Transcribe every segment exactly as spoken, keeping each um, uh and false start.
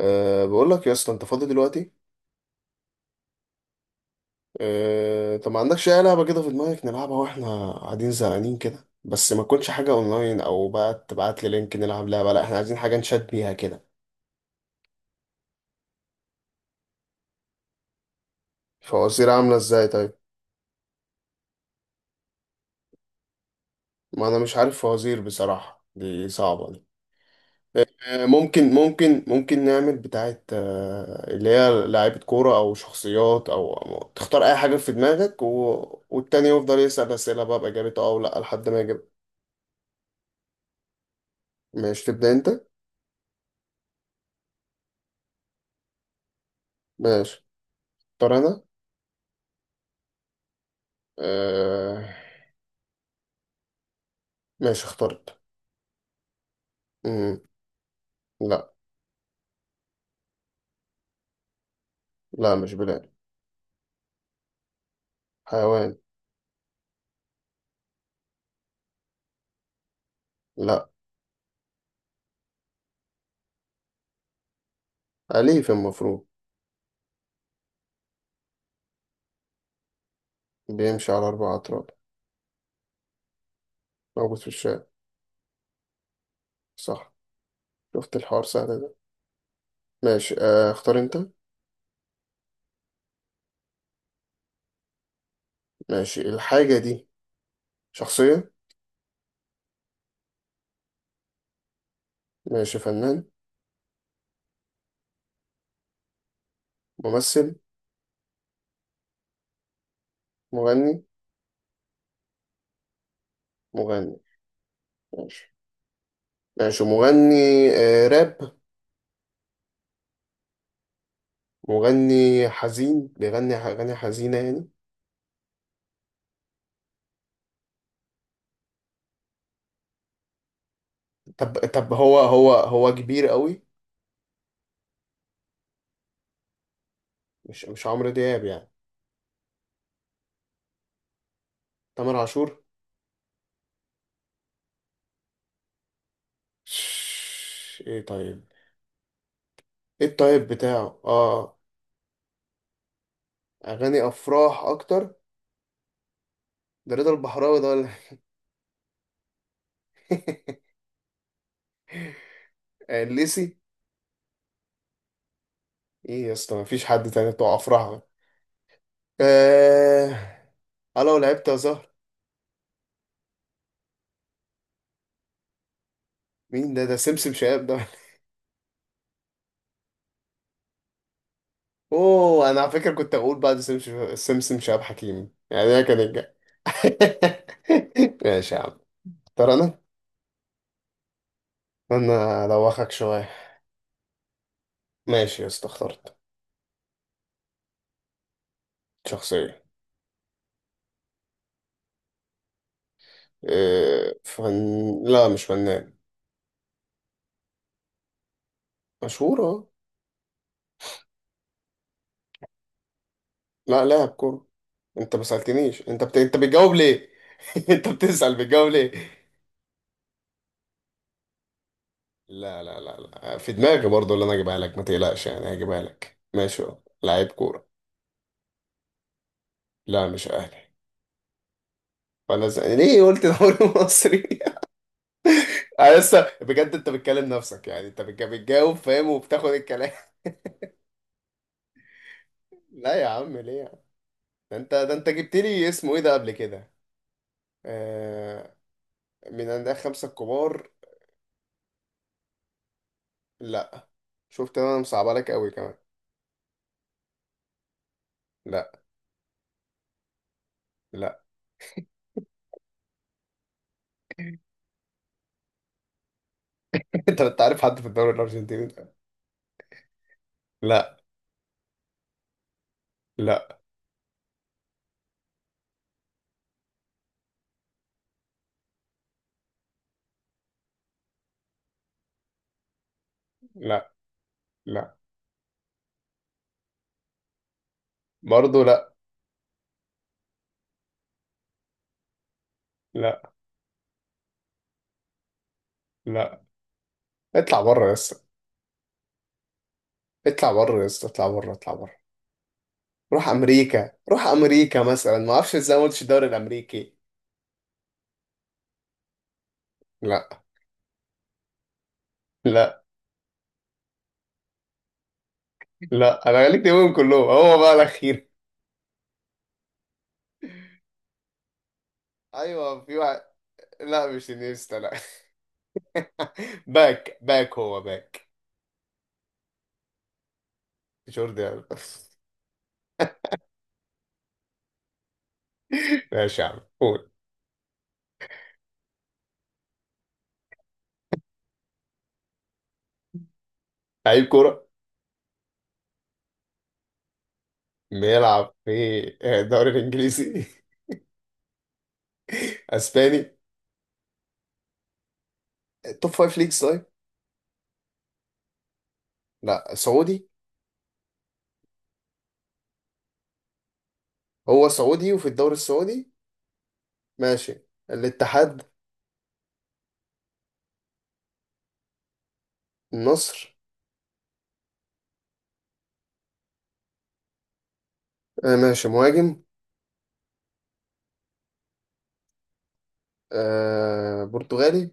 أه بقول لك يا اسطى انت فاضي دلوقتي؟ أه طب ما عندكش اي لعبه كده في دماغك نلعبها واحنا قاعدين زهقانين كده، بس ما تكونش حاجه اونلاين او بقى تبعت لي لينك نلعب لعبه، لا احنا عايزين حاجه نشات بيها كده. فوازير عامله ازاي طيب؟ ما انا مش عارف فوازير بصراحه، دي صعبه دي. أه ممكن ممكن ممكن نعمل بتاعه، أه اللي هي لعيبه كوره او شخصيات او أو تختار اي حاجه في دماغك، و... والتاني يفضل يسال اسئله بقى باجابته اه او لا لحد ما يجيب. ماشي تبدا انت. ماشي اختار انا. آه... ماشي اخترت. مم. لا. لا مش بلاد. حيوان. لا، أليف المفروض. بيمشي على أربع أطراف. موجود في الشارع. صح. شفت الحوار سهل ده. ماشي، آه... اختار أنت. ماشي الحاجة دي شخصية. ماشي فنان. ممثل. مغني. مغني. ماشي. ماشي مغني. آه راب. مغني حزين بيغني أغاني حزينة يعني. طب طب هو هو هو كبير قوي. مش مش عمرو دياب يعني. تامر عاشور. شش، ايه طيب. ايه الطيب بتاعه اه. اغاني افراح اكتر. ده رضا البحراوي ده ولا. إيه؟ الليسي. ايه يا اسطى مفيش حد تاني بتوع افراح. آه... انا لو لعبت يا زهر. مين ده؟ ده سمسم شهاب ده. اوه، انا على فكره كنت اقول بعد سمسم، سمسم شهاب حكيم يعني، ده كان الجا. ماشي يا عم. ترى انا. انا ادوخك شويه. ماشي يا اسطى اخترت. شخصيه. آه، فن. لا مش فنان. مشهور اه. لا لاعب كورة. انت ما سألتنيش، انت بت... انت بتجاوب ليه؟ انت بتسأل بتجاوب ليه؟ لا لا لا لا، في دماغي برضه اللي انا اجيبها لك ما تقلقش يعني، هجيبها لك ماشي اه لعيب كورة. لا مش اهلي. فانا ز... ليه قلت دوري مصري؟ انا لسه بجد، انت بتكلم نفسك يعني، انت بتج- بتجاوب فاهم وبتاخد الكلام. لا يا عم ليه يا عم؟ ده انت، ده انت جبت لي اسمه ايه ده قبل كده. آه... من عند خمسة الكبار. لا. شفت انا مصعبة لك قوي كمان. لا. لا. انت انت عارف حد في الدوري الارجنتيني ده؟ لا. لا. لا لا برضه. لا لا. لا. اطلع بره يا اسطى، اطلع بره يا اسطى، اطلع بره اطلع بره. روح امريكا روح امريكا مثلا، ما اعرفش ازاي ما قلتش الدوري الامريكي. لا. لا. لا، انا خليك تقولهم كلهم هو بقى الاخير. ايوه في واحد. لا مش انيستا لا. باك باك هو باك. جوردي ألبا. ماشي يا عم قول. لعيب كوره. بيلعب في الدوري الانجليزي. اسباني. توب فايف ليجز طيب. لا سعودي. هو سعودي وفي الدوري السعودي. ماشي الاتحاد. النصر. آه ماشي مهاجم. آه برتغالي.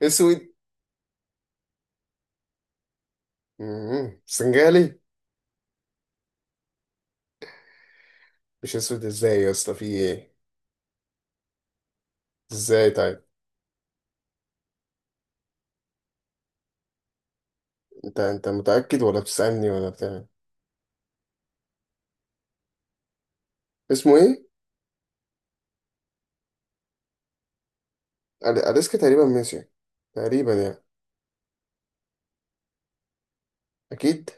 اسود. مم. سنغالي. مش اسود ازاي يا اسطى في ايه؟ ازاي طيب؟ انت انت متأكد ولا بتسألني ولا بتاع؟ اسمه ايه؟ أل- اليسكا تقريبا ماشي. تقريبا يعني. اكيد.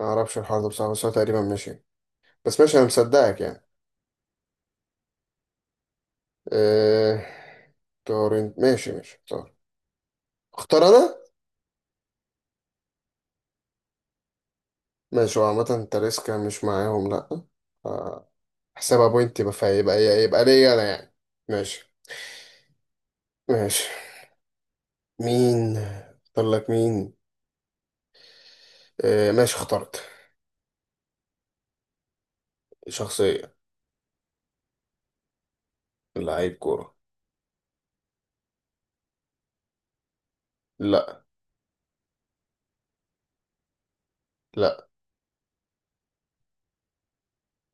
ما اعرفش الحوار ده بصراحة، بس هو تقريبا ماشي. بس ماشي انا مصدقك يعني. آه... طار ماشي ماشي طار. اختار انا. ماشي، هو عامة انت ريسكا مش معاهم، لا. آه، حسابها بوينت، يبقى فيبقى يبقى يبقى ليا انا يعني. ماشي. ماشي مين؟ اختار لك مين. آه ماشي اخترت. شخصية. لعيب كورة. لا. لا.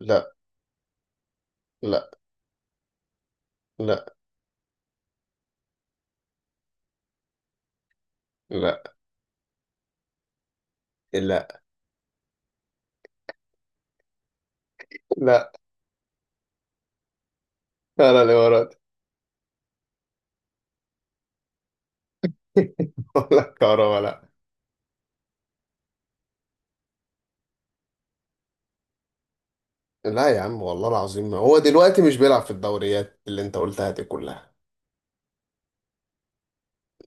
لا. لا. لا. لا. لا. لا. انا اللي ورات. ولا كهربا لا. لا يا عم والله العظيم، ما هو دلوقتي مش بيلعب في الدوريات اللي انت قلتها دي كلها.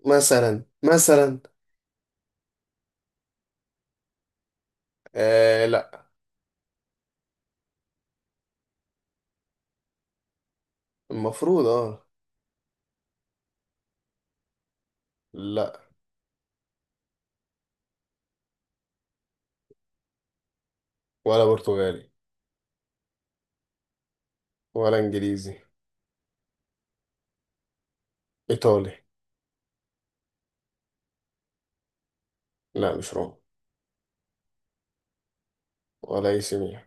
مثلا مثلا. آه لا. المفروض اه. لا. ولا برتغالي. ولا انجليزي. ايطالي. لا مش روما. ولا اي سي ميلان.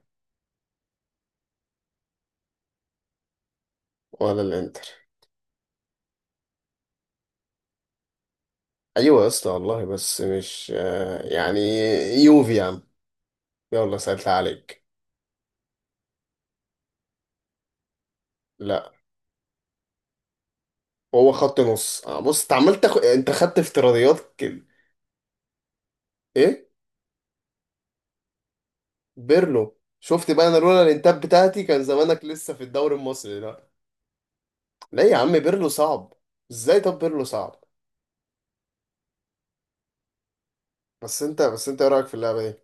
ولا الانتر. ايوه يا اسطى والله، بس مش آه يعني. يوفي يا عم. يلا سألت عليك. لا. هو خط نص. آه بص، انت عمال تاخد، انت خدت افتراضيات كده. ايه؟ بيرلو. شفت بقى، انا لولا الانتاب بتاعتي كان زمانك لسه في الدوري المصري. لا. لا يا عم بيرلو صعب. ازاي طب بيرلو صعب؟ بس انت بس انت ايه رايك في اللعبه دي؟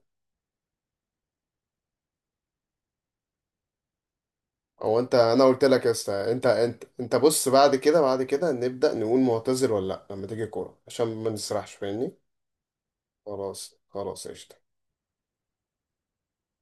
او انت، انا قلت لك يا اسطى، انت انت انت بص، بعد كده بعد كده نبدا نقول معتذر ولا لا لما تيجي الكوره عشان ما نسرحش فاهمني. خلاص خلاص قشطه.